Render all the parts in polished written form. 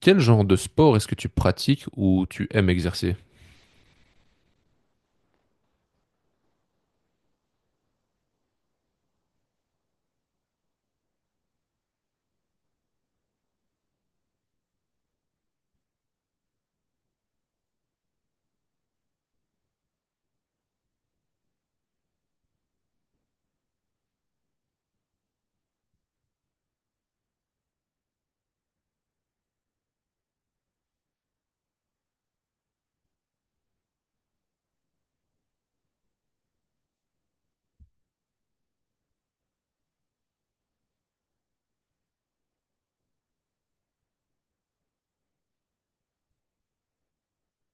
Quel genre de sport est-ce que tu pratiques ou tu aimes exercer?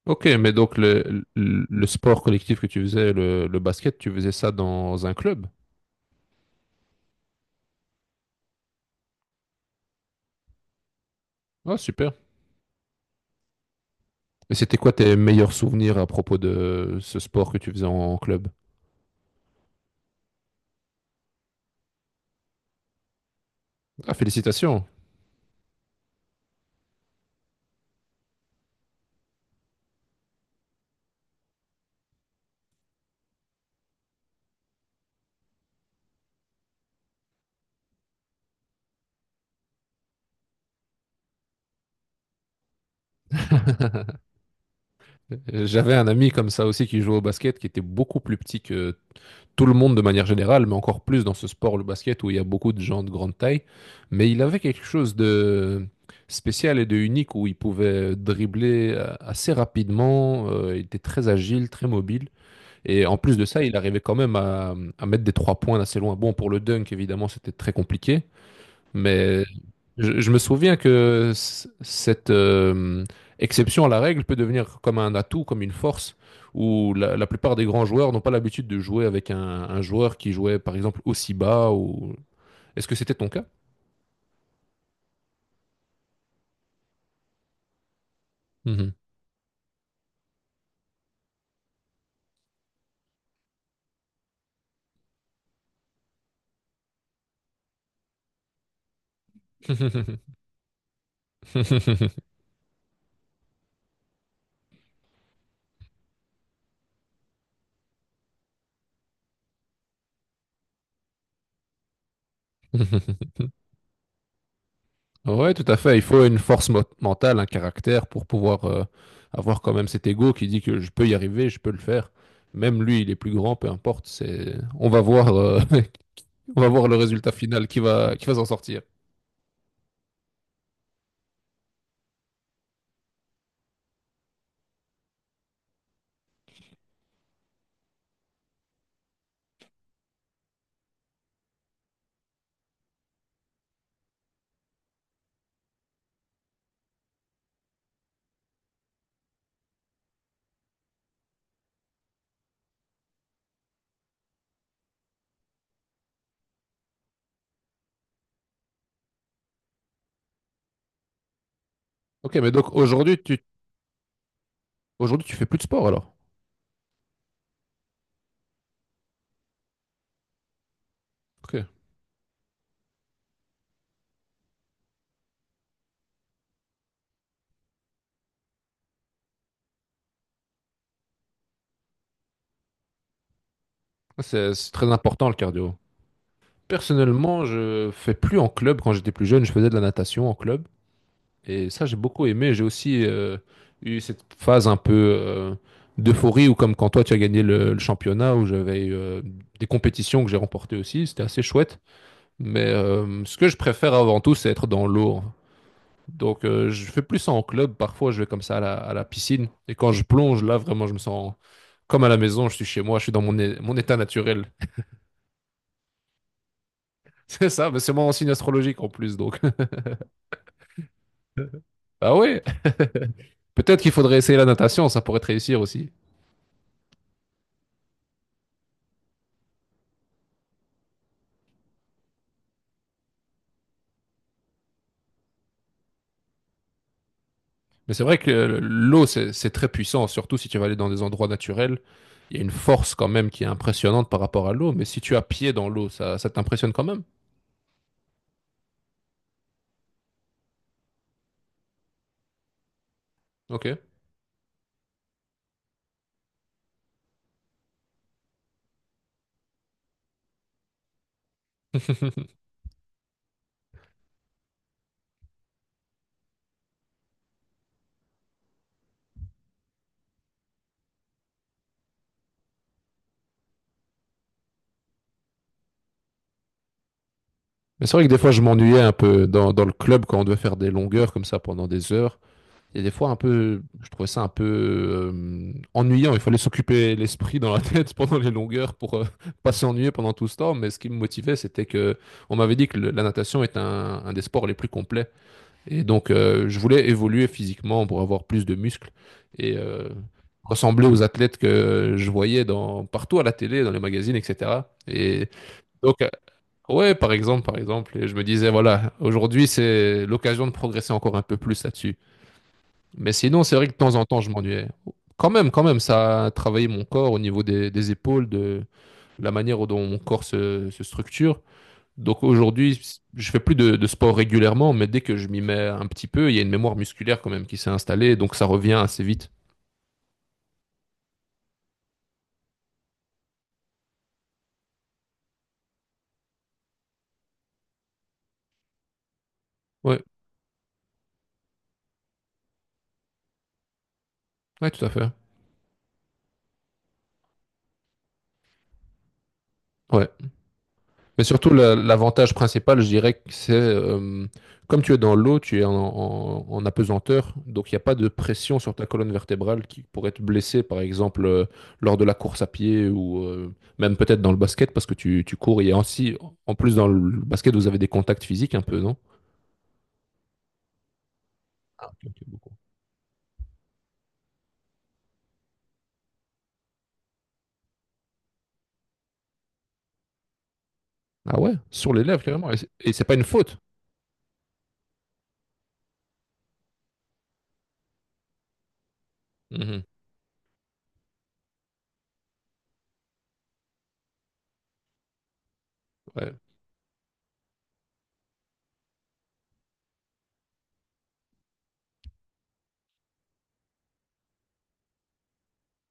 Ok, mais donc le sport collectif que tu faisais, le basket, tu faisais ça dans un club? Ah, super. Et c'était quoi tes meilleurs souvenirs à propos de ce sport que tu faisais en club? Ah, félicitations. J'avais un ami comme ça aussi qui jouait au basket, qui était beaucoup plus petit que tout le monde de manière générale, mais encore plus dans ce sport, le basket, où il y a beaucoup de gens de grande taille. Mais il avait quelque chose de spécial et de unique où il pouvait dribbler assez rapidement, il était très agile, très mobile. Et en plus de ça, il arrivait quand même à mettre des trois points d'assez loin. Bon, pour le dunk, évidemment, c'était très compliqué, mais je me souviens que cette exception à la règle peut devenir comme un atout, comme une force, où la plupart des grands joueurs n'ont pas l'habitude de jouer avec un joueur qui jouait par exemple aussi bas ou... Est-ce que c'était ton cas? Mhm. Ouais, tout à fait. Il faut une force mentale, un caractère pour pouvoir avoir quand même cet ego qui dit que je peux y arriver, je peux le faire. Même lui, il est plus grand, peu importe. C'est, on va voir On va voir le résultat final qui va s'en sortir. Ok, mais donc aujourd'hui, tu fais plus de sport alors? Ok. Ah, c'est très important le cardio. Personnellement, je fais plus en club. Quand j'étais plus jeune, je faisais de la natation en club. Et ça, j'ai beaucoup aimé. J'ai aussi eu cette phase un peu euh, d'euphorie où, comme quand toi, tu as gagné le championnat, où j'avais eu, des compétitions que j'ai remportées aussi. C'était assez chouette. Mais ce que je préfère avant tout, c'est être dans l'eau. Donc, je fais plus ça en club. Parfois, je vais comme ça à la piscine. Et quand je plonge, là, vraiment, je me sens comme à la maison. Je suis chez moi, je suis dans mon état naturel. C'est ça, mais c'est mon signe astrologique en plus. Donc, ah ouais, peut-être qu'il faudrait essayer la natation, ça pourrait te réussir aussi. Mais c'est vrai que l'eau, c'est très puissant, surtout si tu vas aller dans des endroits naturels. Il y a une force quand même qui est impressionnante par rapport à l'eau. Mais si tu as pied dans l'eau, ça t'impressionne quand même. Ok. Mais c'est vrai que des fois, je m'ennuyais un peu dans le club quand on devait faire des longueurs comme ça pendant des heures. Et des fois, un peu, je trouvais ça un peu ennuyant. Il fallait s'occuper l'esprit dans la tête pendant les longueurs pour pas s'ennuyer pendant tout ce temps. Mais ce qui me motivait, c'était que on m'avait dit que la natation est un des sports les plus complets. Et donc, je voulais évoluer physiquement pour avoir plus de muscles et ressembler aux athlètes que je voyais dans, partout à la télé, dans les magazines, etc. Et donc, ouais, par exemple, et je me disais, voilà, aujourd'hui, c'est l'occasion de progresser encore un peu plus là-dessus. Mais sinon, c'est vrai que de temps en temps, je m'ennuyais. Quand même, ça a travaillé mon corps au niveau des épaules, de la manière dont mon corps se structure. Donc aujourd'hui, je fais plus de sport régulièrement, mais dès que je m'y mets un petit peu, il y a une mémoire musculaire quand même qui s'est installée, donc ça revient assez vite. Ouais, ouais, tout à fait. Ouais. Mais surtout, l'avantage principal, je dirais que c'est, comme tu es dans l'eau, tu es en apesanteur, donc il n'y a pas de pression sur ta colonne vertébrale qui pourrait te blesser, par exemple, lors de la course à pied ou même peut-être dans le basket, parce que tu cours. Et ainsi, en plus, dans le basket, vous avez des contacts physiques un peu, non? Ah, ok, beaucoup. Ah ouais, sur les lèvres, carrément. Et c'est pas une faute. Mhm, ouais.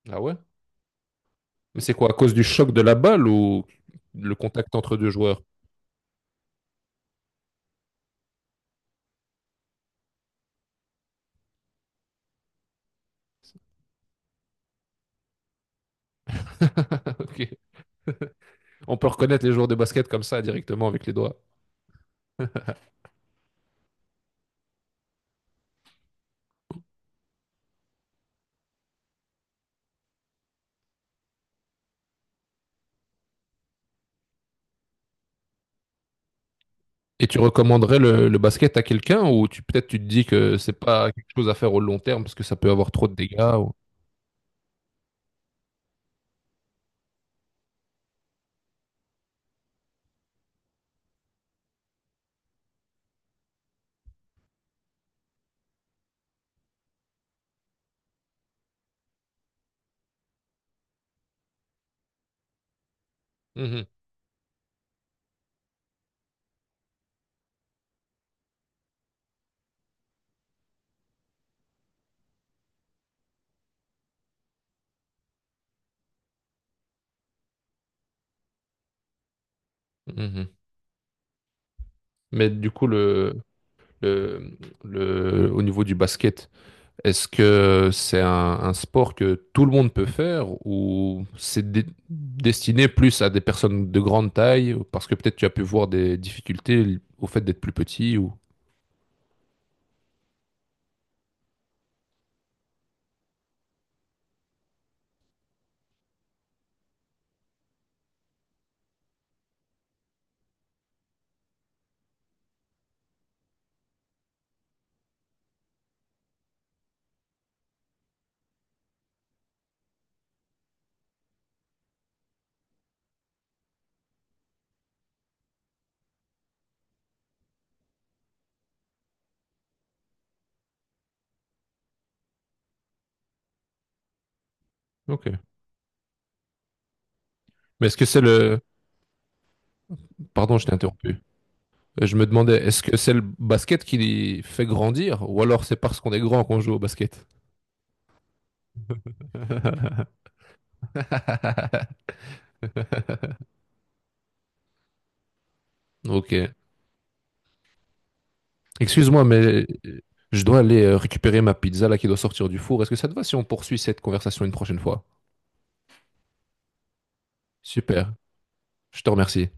Ah ouais? Mais c'est quoi, à cause du choc de la balle ou le contact entre deux joueurs? Ok. On peut reconnaître les joueurs de basket comme ça directement avec les doigts. Et tu recommanderais le basket à quelqu'un ou tu peut-être tu te dis que c'est pas quelque chose à faire au long terme parce que ça peut avoir trop de dégâts ou... Mhm, mhm. Mais du coup, le, au niveau du basket, est-ce que c'est un sport que tout le monde peut faire ou c'est destiné plus à des personnes de grande taille ou- parce que peut-être tu as pu voir des difficultés au fait d'être plus petit ou... Ok. Mais est-ce que c'est le, pardon, je t'ai interrompu. Je me demandais, est-ce que c'est le basket qui les fait grandir, ou alors c'est parce qu'on est grand qu'on joue au basket? Ok. Excuse-moi, mais je dois aller récupérer ma pizza là qui doit sortir du four. Est-ce que ça te va si on poursuit cette conversation une prochaine fois? Super. Je te remercie.